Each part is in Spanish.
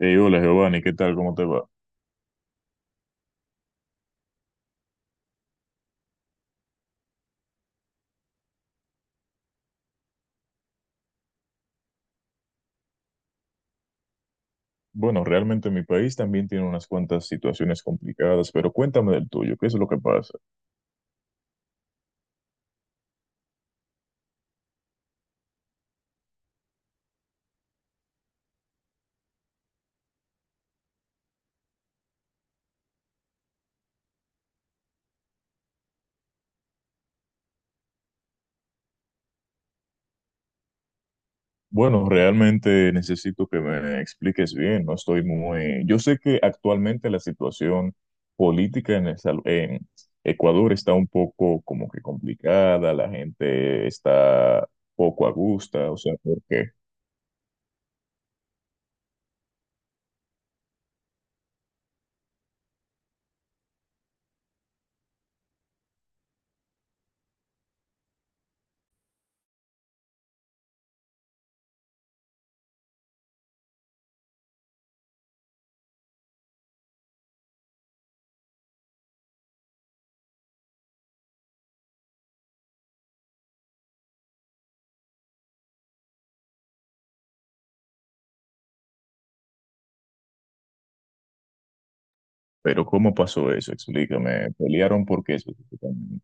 Hey, hola Giovanni, ¿qué tal? ¿Cómo te va? Bueno, realmente mi país también tiene unas cuantas situaciones complicadas, pero cuéntame del tuyo, ¿qué es lo que pasa? Bueno, realmente necesito que me expliques bien, no estoy muy... Yo sé que actualmente la situación política en, en Ecuador está un poco como que complicada, la gente está poco a gusto, o sea, ¿por qué? Pero ¿cómo pasó eso? Explícame, ¿pelearon por qué específicamente?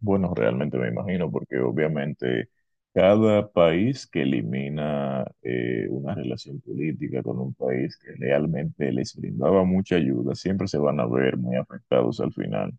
Bueno, realmente me imagino, porque obviamente cada país que elimina una relación política con un país que realmente les brindaba mucha ayuda, siempre se van a ver muy afectados al final.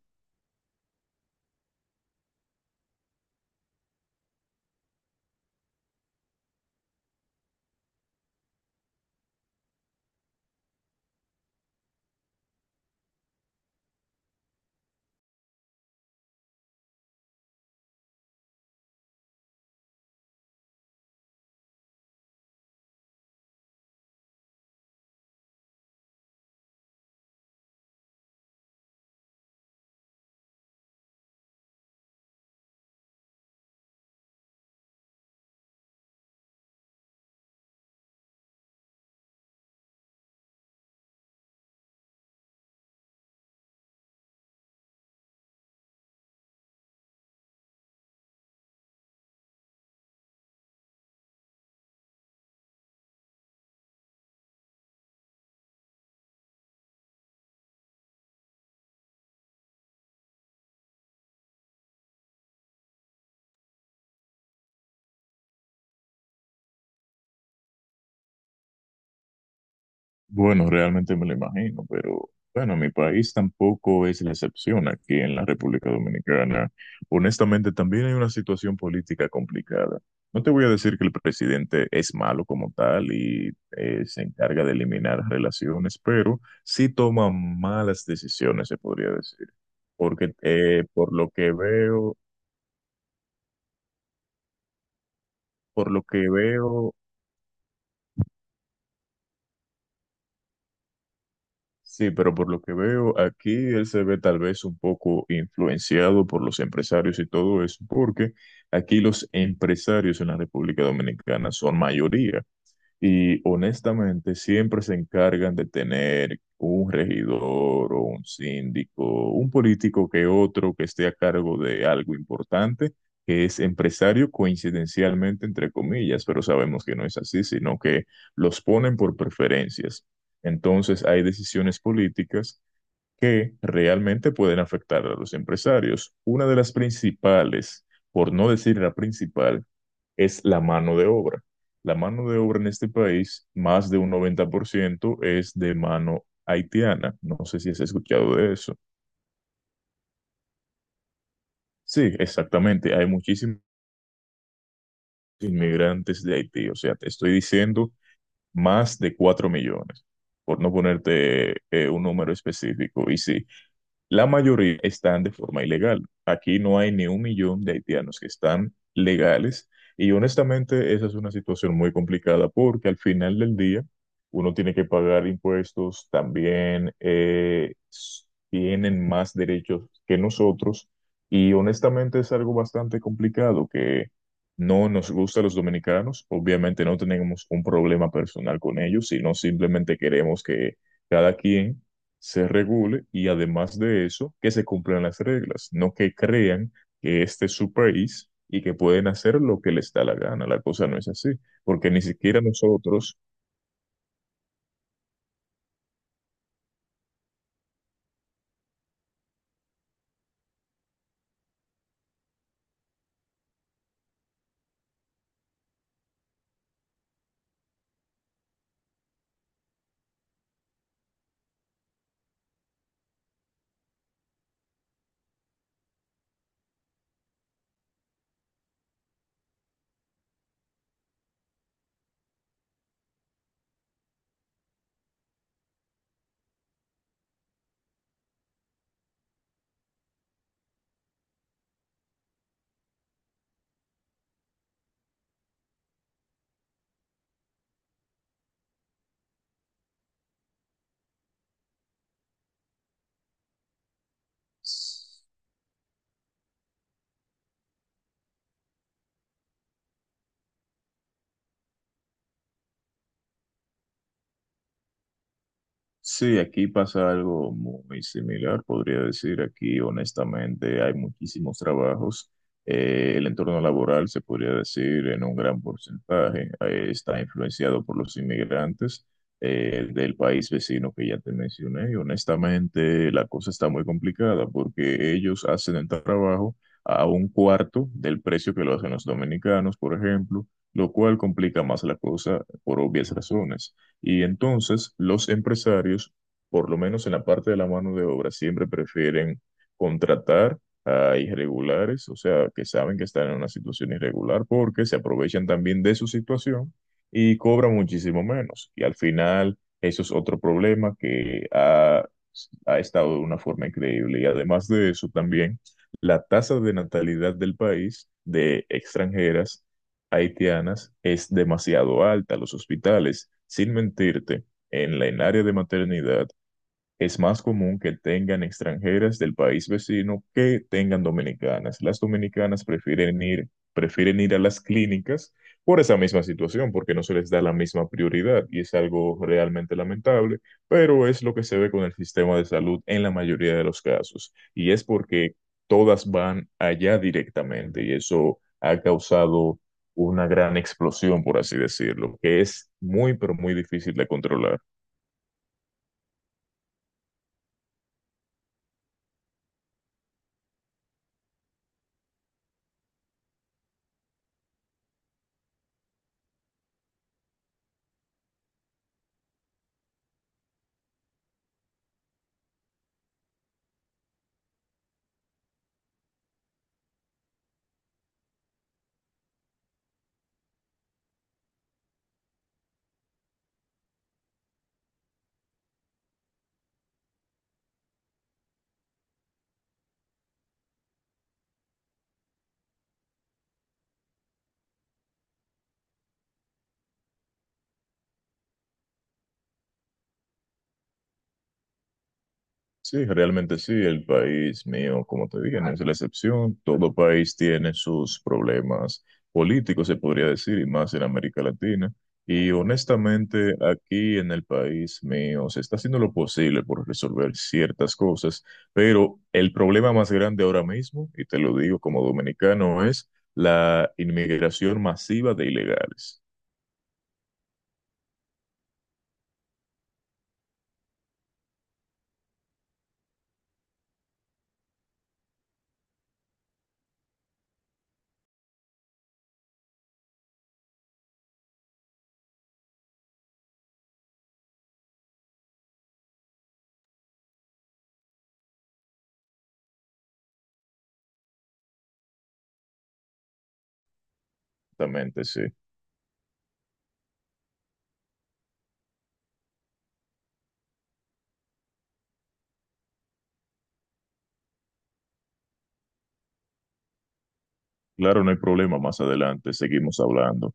Bueno, realmente me lo imagino, pero bueno, mi país tampoco es la excepción aquí en la República Dominicana. Honestamente, también hay una situación política complicada. No te voy a decir que el presidente es malo como tal y se encarga de eliminar relaciones, pero sí toma malas decisiones, se podría decir. Porque por lo que veo, sí, pero por lo que veo, aquí él se ve tal vez un poco influenciado por los empresarios y todo eso, porque aquí los empresarios en la República Dominicana son mayoría. Y honestamente, siempre se encargan de tener un regidor o un síndico, un político que otro que esté a cargo de algo importante, que es empresario coincidencialmente, entre comillas, pero sabemos que no es así, sino que los ponen por preferencias. Entonces, hay decisiones políticas que realmente pueden afectar a los empresarios. Una de las principales, por no decir la principal, es la mano de obra. La mano de obra en este país, más de un 90% es de mano haitiana. ¿No sé si has escuchado de eso? Sí, exactamente. Hay muchísimos inmigrantes de Haití. O sea, te estoy diciendo más de 4 millones, por no ponerte un número específico. Y sí, la mayoría están de forma ilegal. Aquí no hay ni 1 millón de haitianos que están legales y honestamente esa es una situación muy complicada porque al final del día uno tiene que pagar impuestos, también tienen más derechos que nosotros y honestamente es algo bastante complicado que no nos gusta a los dominicanos. Obviamente no tenemos un problema personal con ellos, sino simplemente queremos que cada quien se regule y además de eso, que se cumplan las reglas, no que crean que este es su país y que pueden hacer lo que les da la gana. La cosa no es así, porque ni siquiera nosotros... Sí, aquí pasa algo muy similar, podría decir. Aquí, honestamente, hay muchísimos trabajos. El entorno laboral, se podría decir, en un gran porcentaje, está influenciado por los inmigrantes del país vecino que ya te mencioné. Y honestamente, la cosa está muy complicada porque ellos hacen el trabajo a un cuarto del precio que lo hacen los dominicanos, por ejemplo, lo cual complica más la cosa por obvias razones. Y entonces los empresarios, por lo menos en la parte de la mano de obra, siempre prefieren contratar a irregulares, o sea, que saben que están en una situación irregular porque se aprovechan también de su situación y cobran muchísimo menos. Y al final, eso es otro problema que ha estado de una forma increíble. Y además de eso, también la tasa de natalidad del país de extranjeras haitianas es demasiado alta. Los hospitales, sin mentirte, en la en área de maternidad es más común que tengan extranjeras del país vecino que tengan dominicanas. Las dominicanas prefieren ir a las clínicas por esa misma situación, porque no se les da la misma prioridad y es algo realmente lamentable, pero es lo que se ve con el sistema de salud en la mayoría de los casos. Y es porque todas van allá directamente y eso ha causado una gran explosión, por así decirlo, que es muy, pero muy difícil de controlar. Sí, realmente sí, el país mío, como te dije, no es la excepción. Todo país tiene sus problemas políticos, se podría decir, y más en América Latina. Y honestamente, aquí en el país mío se está haciendo lo posible por resolver ciertas cosas, pero el problema más grande ahora mismo, y te lo digo como dominicano, es la inmigración masiva de ilegales. Exactamente, sí. Claro, no hay problema, más adelante seguimos hablando.